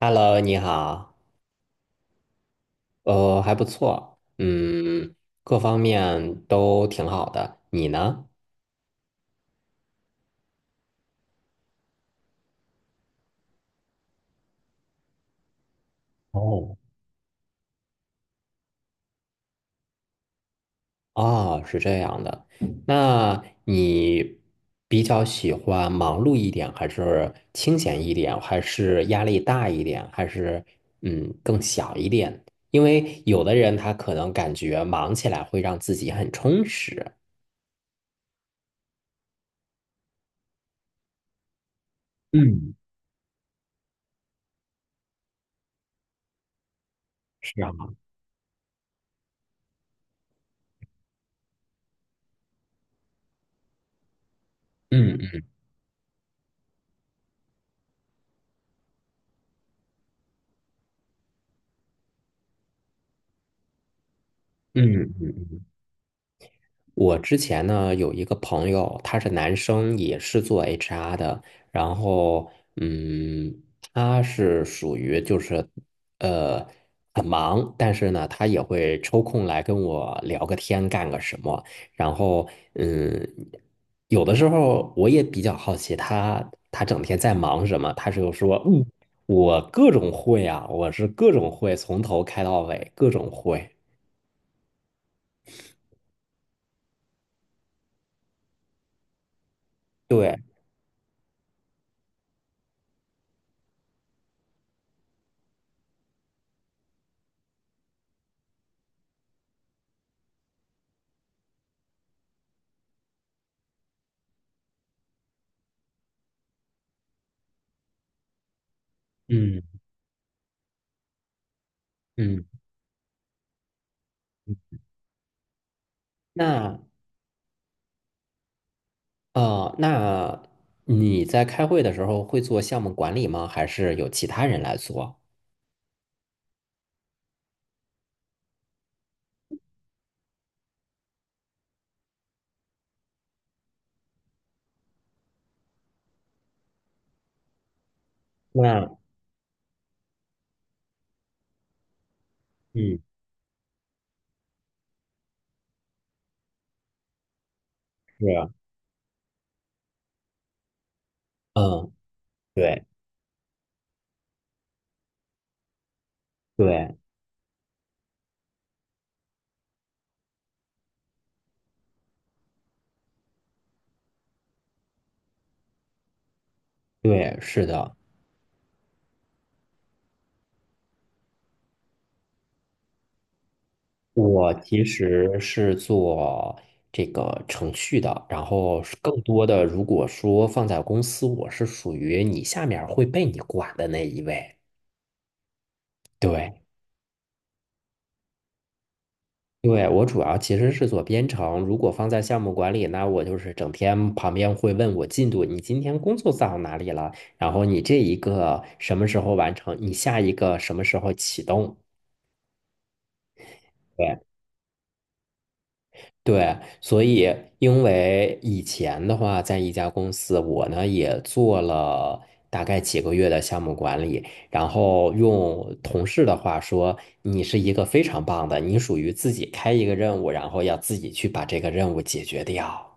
Hello，你好，还不错，嗯，各方面都挺好的。你呢？哦。哦，是这样的，那你比较喜欢忙碌一点，还是清闲一点，还是压力大一点，还是更小一点？因为有的人他可能感觉忙起来会让自己很充实。嗯。是啊。嗯嗯嗯。我之前呢有一个朋友，他是男生，也是做 HR 的，然后他是属于就是呃很忙，但是呢他也会抽空来跟我聊个天，干个什么，然后嗯，有的时候我也比较好奇他整天在忙什么，他就说嗯，我各种会啊，我是各种会，从头开到尾，各种会。对，嗯嗯。那那你在开会的时候会做项目管理吗？还是有其他人来做？那嗯，是，嗯，对对对，是的，我其实是做这个程序的，然后是更多的，如果说放在公司，我是属于你下面儿会被你管的那一位。对。对，我主要其实是做编程，如果放在项目管理，那我就是整天旁边会问我进度，你今天工作到哪里了？然后你这一个什么时候完成？你下一个什么时候启动？对对。所以因为以前的话，在一家公司，我呢也做了大概几个月的项目管理，然后用同事的话说，你是一个非常棒的，你属于自己开一个任务，然后要自己去把这个任务解决掉。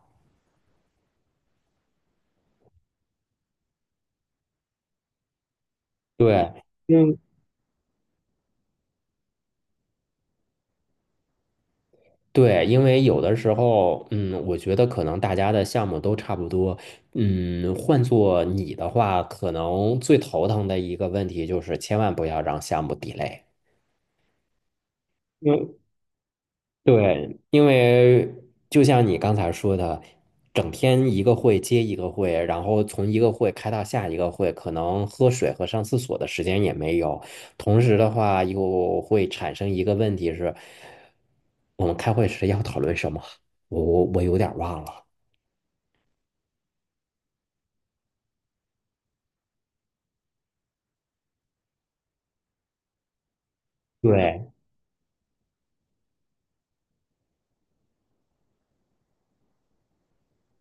对，嗯，对，因为有的时候，嗯，我觉得可能大家的项目都差不多，嗯，换做你的话，可能最头疼的一个问题就是千万不要让项目 delay。对，因为就像你刚才说的，整天一个会接一个会，然后从一个会开到下一个会，可能喝水和上厕所的时间也没有。同时的话，又会产生一个问题是，我们开会时要讨论什么？我有点儿忘了。对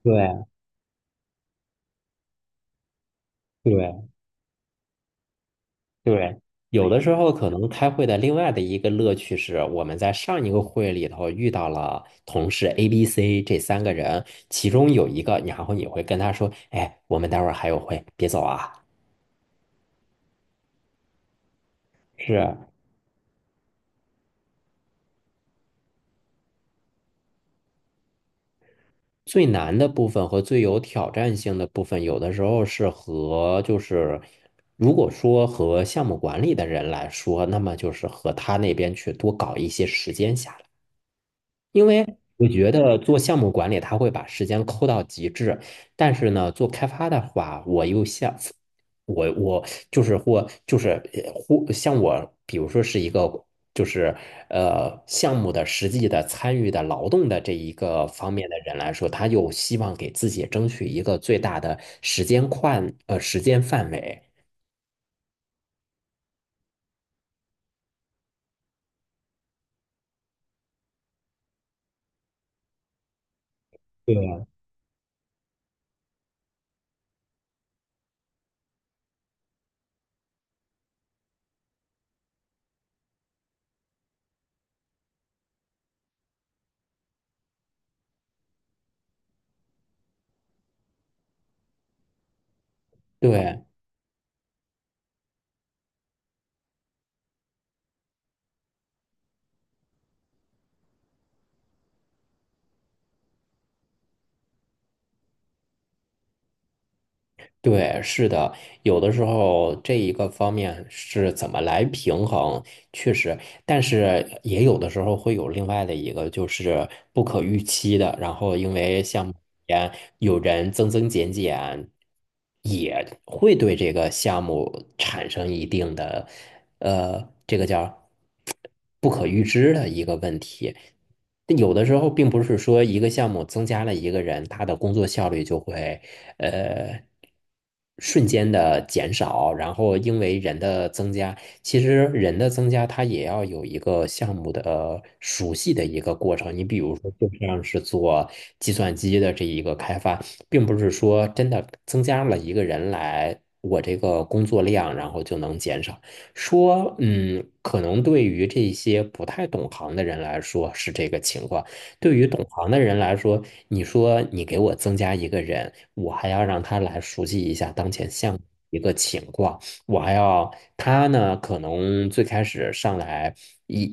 对对。对，有的时候可能开会的另外的一个乐趣是，我们在上一个会里头遇到了同事 A、B、C 这三个人，其中有一个，然后你会跟他说：“哎，我们待会儿还有会，别走啊。”是最难的部分和最有挑战性的部分，有的时候是和就是，如果说和项目管理的人来说，那么就是和他那边去多搞一些时间下来。因为我觉得做项目管理，他会把时间抠到极致，但是呢，做开发的话，我又像我我就是或就是呃或像我，比如说是一个就是项目的实际的参与的劳动的这一个方面的人来说，他又希望给自己争取一个最大的时间时间范围。对对。对，是的，有的时候这一个方面是怎么来平衡，确实，但是也有的时候会有另外的一个，就是不可预期的。然后因为像前有人增增减减，也会对这个项目产生一定的，这个叫不可预知的一个问题。但有的时候并不是说一个项目增加了一个人，他的工作效率就会呃瞬间的减少，然后因为人的增加，其实人的增加它也要有一个项目的熟悉的一个过程。你比如说，就像是做计算机的这一个开发，并不是说真的增加了一个人来，我这个工作量然后就能减少。说，嗯，可能对于这些不太懂行的人来说是这个情况，对于懂行的人来说，你说你给我增加一个人，我还要让他来熟悉一下当前项目一个情况，我还要他呢，可能最开始上来也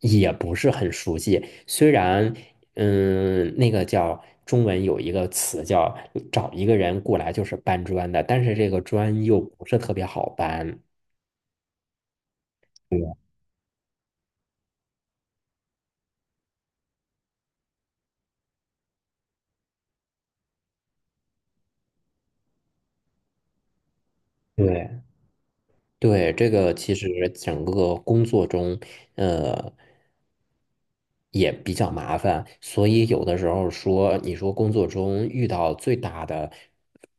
也不是很熟悉，虽然，嗯，那个叫。中文有一个词叫找一个人过来就是搬砖的，但是这个砖又不是特别好搬。对。对对，这个其实整个工作中也比较麻烦，所以有的时候说，你说工作中遇到最大的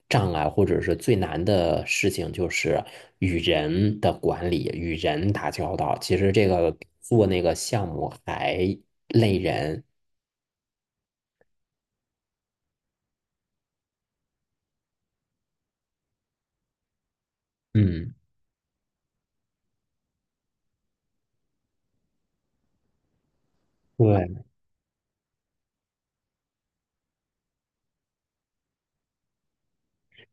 障碍或者是最难的事情，就是与人的管理、与人打交道。其实这个做那个项目还累人。嗯，对。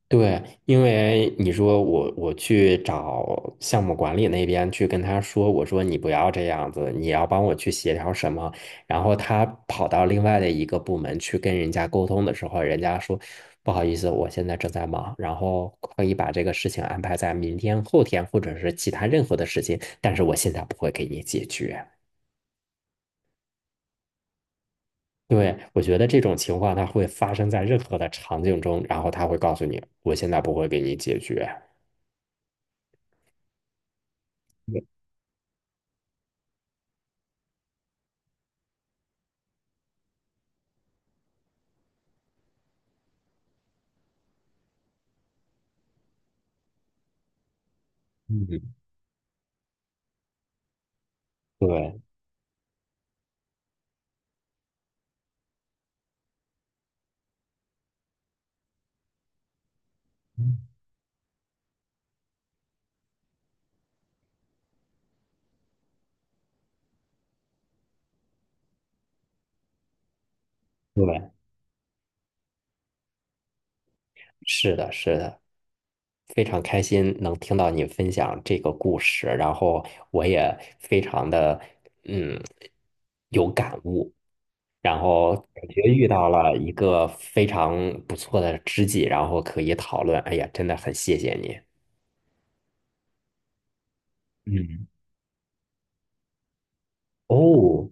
对，因为你说我去找项目管理那边去跟他说，我说你不要这样子，你要帮我去协调什么，然后他跑到另外的一个部门去跟人家沟通的时候，人家说不好意思，我现在正在忙，然后可以把这个事情安排在明天、后天或者是其他任何的时间，但是我现在不会给你解决。对，我觉得这种情况它会发生在任何的场景中，然后他会告诉你，我现在不会给你解决。嗯，对。对，是的，是的，非常开心能听到你分享这个故事，然后我也非常的嗯有感悟，然后感觉遇到了一个非常不错的知己，然后可以讨论。哎呀，真的很谢谢你。嗯，哦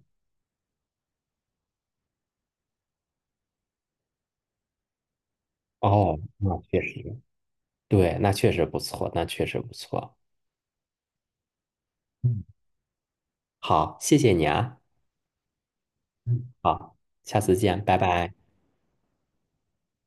哦，那确实，对，那确实不错，那确实不错。嗯，好，谢谢你啊。嗯，好，下次见，拜拜。